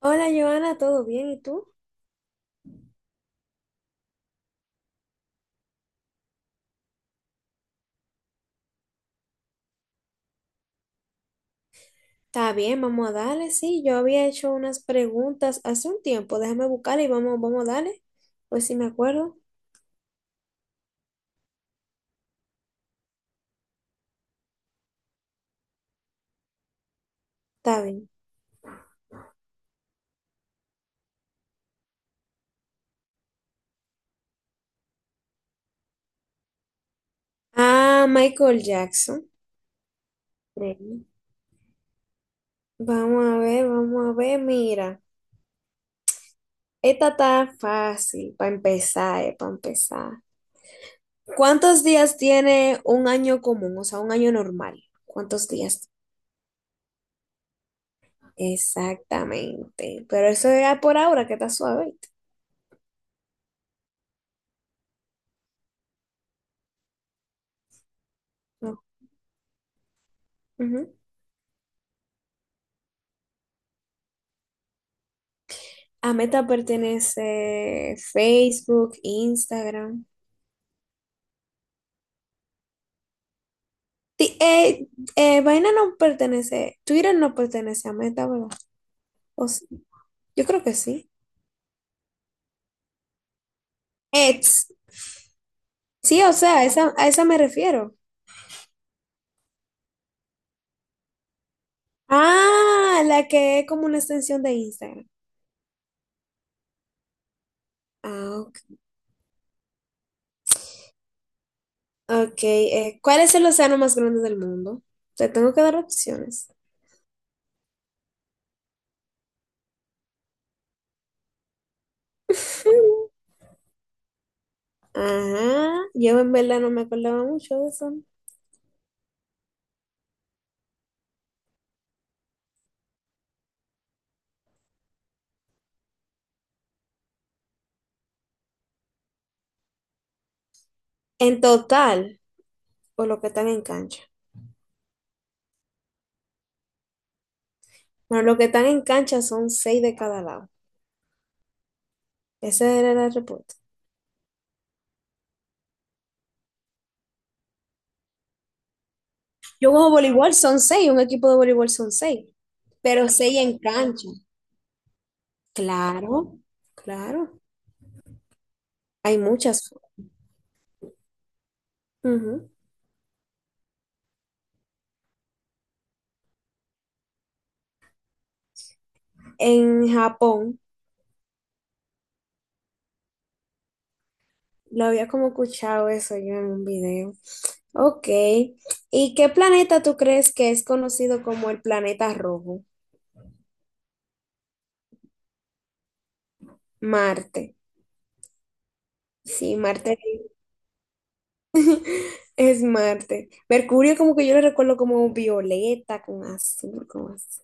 Hola, Joana, ¿todo bien? ¿Y tú? Está bien, vamos a darle. Sí, yo había hecho unas preguntas hace un tiempo. Déjame buscar y vamos a darle. Pues si me acuerdo, está bien. Ah, Michael Jackson. Sí. Vamos a ver. Mira, esta está fácil para empezar, para empezar. ¿Cuántos días tiene un año común? O sea, un año normal. ¿Cuántos días? Exactamente. Pero eso era por ahora, que está suave, ¿oíste? No. Ujú. A Meta pertenece Facebook, Instagram. Ti- eh, Vaina no pertenece, Twitter no pertenece a Meta, ¿verdad? O sí, yo creo que sí. X. Sí, o sea, esa, a esa me refiero. Ah, la que es como una extensión de Instagram. Ah, ok. Ok, ¿cuál es el océano más grande del mundo? Te tengo que dar opciones. Ajá, yo en verdad no me acordaba mucho de eso. En total, o lo que están en cancha. Bueno, los que están en cancha son seis de cada lado. Ese era el reporte. Yo juego voleibol, son seis, un equipo de voleibol son seis, pero seis en cancha. Claro, claro. Hay muchas. Ujú. En Japón, lo había como escuchado eso yo en un video. Ok. ¿Y qué planeta tú crees que es conocido como el planeta rojo? Marte. Sí, Marte. Mercurio como que yo lo recuerdo como violeta, con azul, con azul.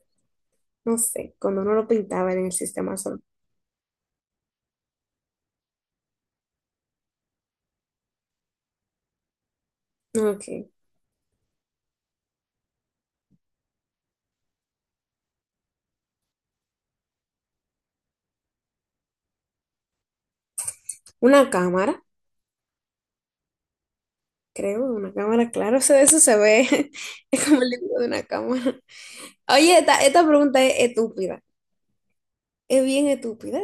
No sé, cuando no lo pintaban en el sistema solar. Ok. Una cámara, creo, una cámara, claro, eso se ve, es como el libro de una cámara. Oye, esta pregunta es estúpida, es bien estúpida.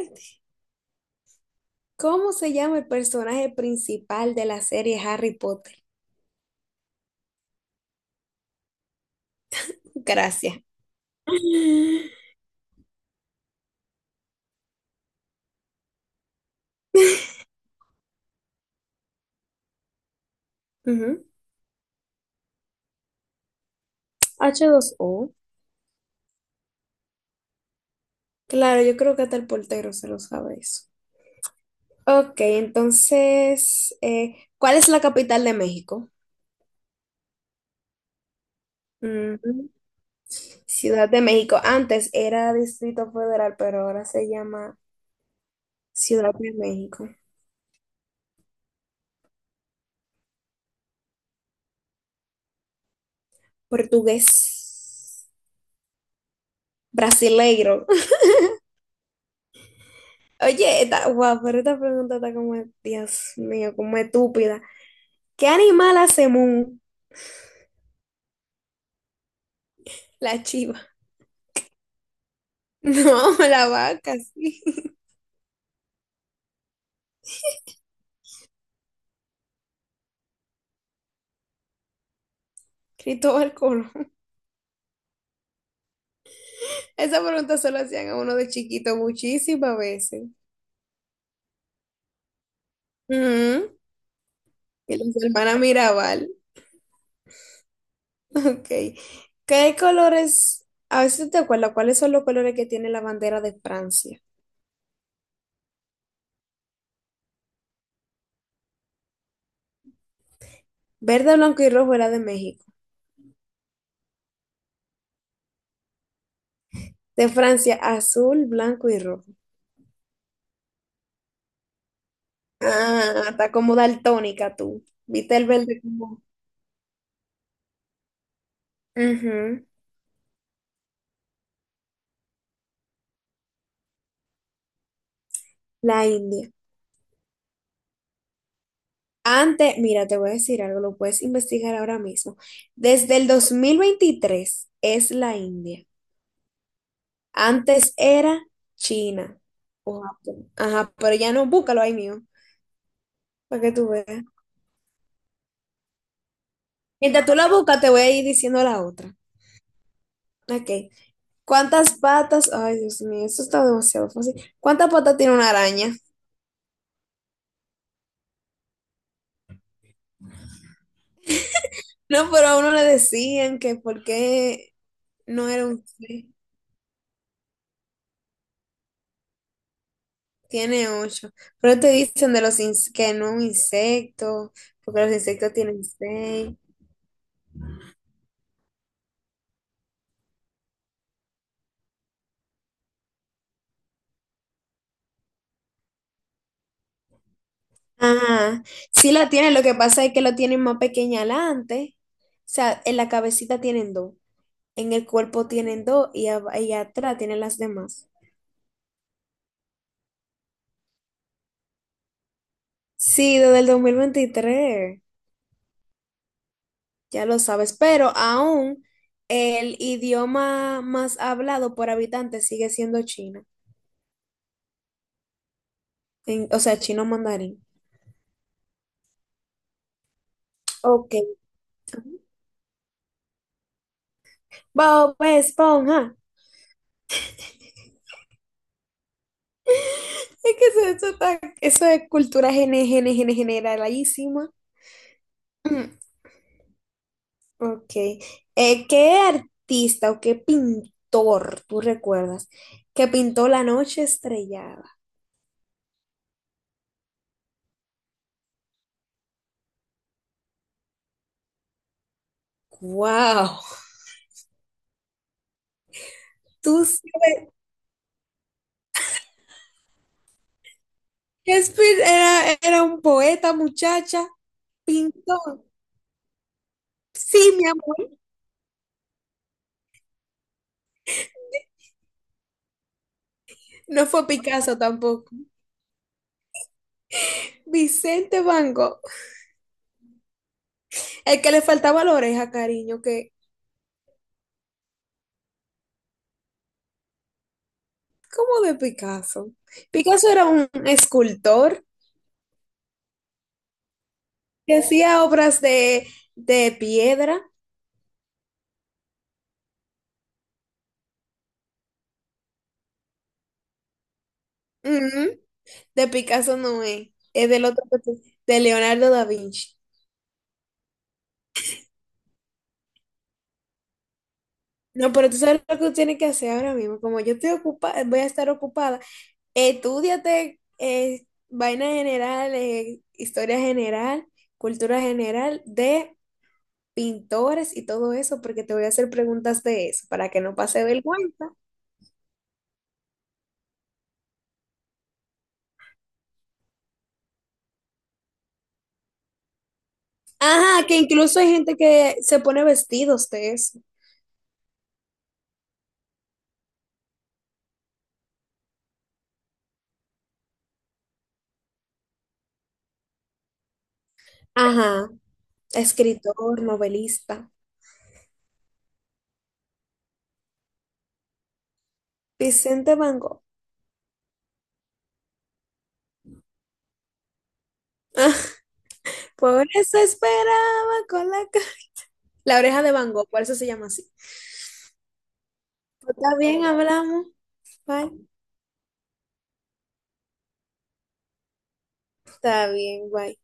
¿Cómo se llama el personaje principal de la serie Harry Potter? Gracias. Ujú. H dos o. Claro, yo creo que hasta el portero se lo sabe eso. Ok, entonces, ¿cuál es la capital de México? Ujú. Ciudad de México. Antes era Distrito Federal, pero ahora se llama Ciudad de México. Portugués. Brasileiro. Oye, wow, pero esta pregunta está como, Dios mío, como estúpida. ¿Qué animal hace mu? La chiva. No, la vaca, sí. Cristóbal Colón. Esa pregunta se la hacían a uno de chiquito muchísimas veces. Ujú. Y las hermanas Mirabal. Ok. ¿Qué colores? A ver si te acuerdas, ¿cuáles son los colores que tiene la bandera de Francia? Verde, blanco y rojo era de México. De Francia, azul, blanco y rojo. Ah, está como daltónica tú. ¿Viste el verde como? Ujú. La India. Antes, mira, te voy a decir algo, lo puedes investigar ahora mismo. Desde el 2023 es la India. Antes era China o Japón. Ajá, pero ya no, búscalo ahí mío, para que tú veas. Mientras tú la buscas, te voy a ir diciendo la otra. Ok. ¿Cuántas patas? Ay, Dios mío, esto está demasiado fácil. ¿Cuántas patas tiene una araña? No, pero a uno le decían que por qué no era un insecto. Tiene ocho. Pero te dicen de los que no un insecto, porque los insectos tienen seis. Ajá. Sí la tienen, lo que pasa es que lo tienen más pequeña adelante. O sea, en la cabecita tienen dos, en el cuerpo tienen dos y, y atrás tienen las demás. Sí, desde el 2023 ya lo sabes, pero aún el idioma más hablado por habitante sigue siendo chino, o sea, chino mandarín. Ok. Bob Esponja. Es que eso es cultura generalísima. Mm. Ok. ¿Qué artista o qué pintor tú recuerdas que pintó La noche estrellada? ¡Wow! Tú sí- Shakespeare era un poeta, muchacha. Pintó. Sí, mi amor. No fue Picasso tampoco. Vicente Van Gogh. El que le faltaba la oreja, cariño, que, ¿cómo de Picasso? Picasso era un escultor que hacía obras de piedra. Ujú. De Picasso no es. Es del otro, que tú- de Leonardo da Vinci. No, pero tú sabes lo que tú tienes que hacer ahora mismo. Como yo estoy ocupada, voy a estar ocupada, estúdiate vaina general, historia general, cultura general de pintores y todo eso, porque te voy a hacer preguntas de eso para que no pase vergüenza. Ajá, que incluso hay gente que se pone vestidos de eso. Ajá, escritor, novelista. Vicente Van Gogh. Por eso esperaba con la oreja de Van Gogh, por eso se llama así. Está bien, hablamos. Bye. Está bien, bye.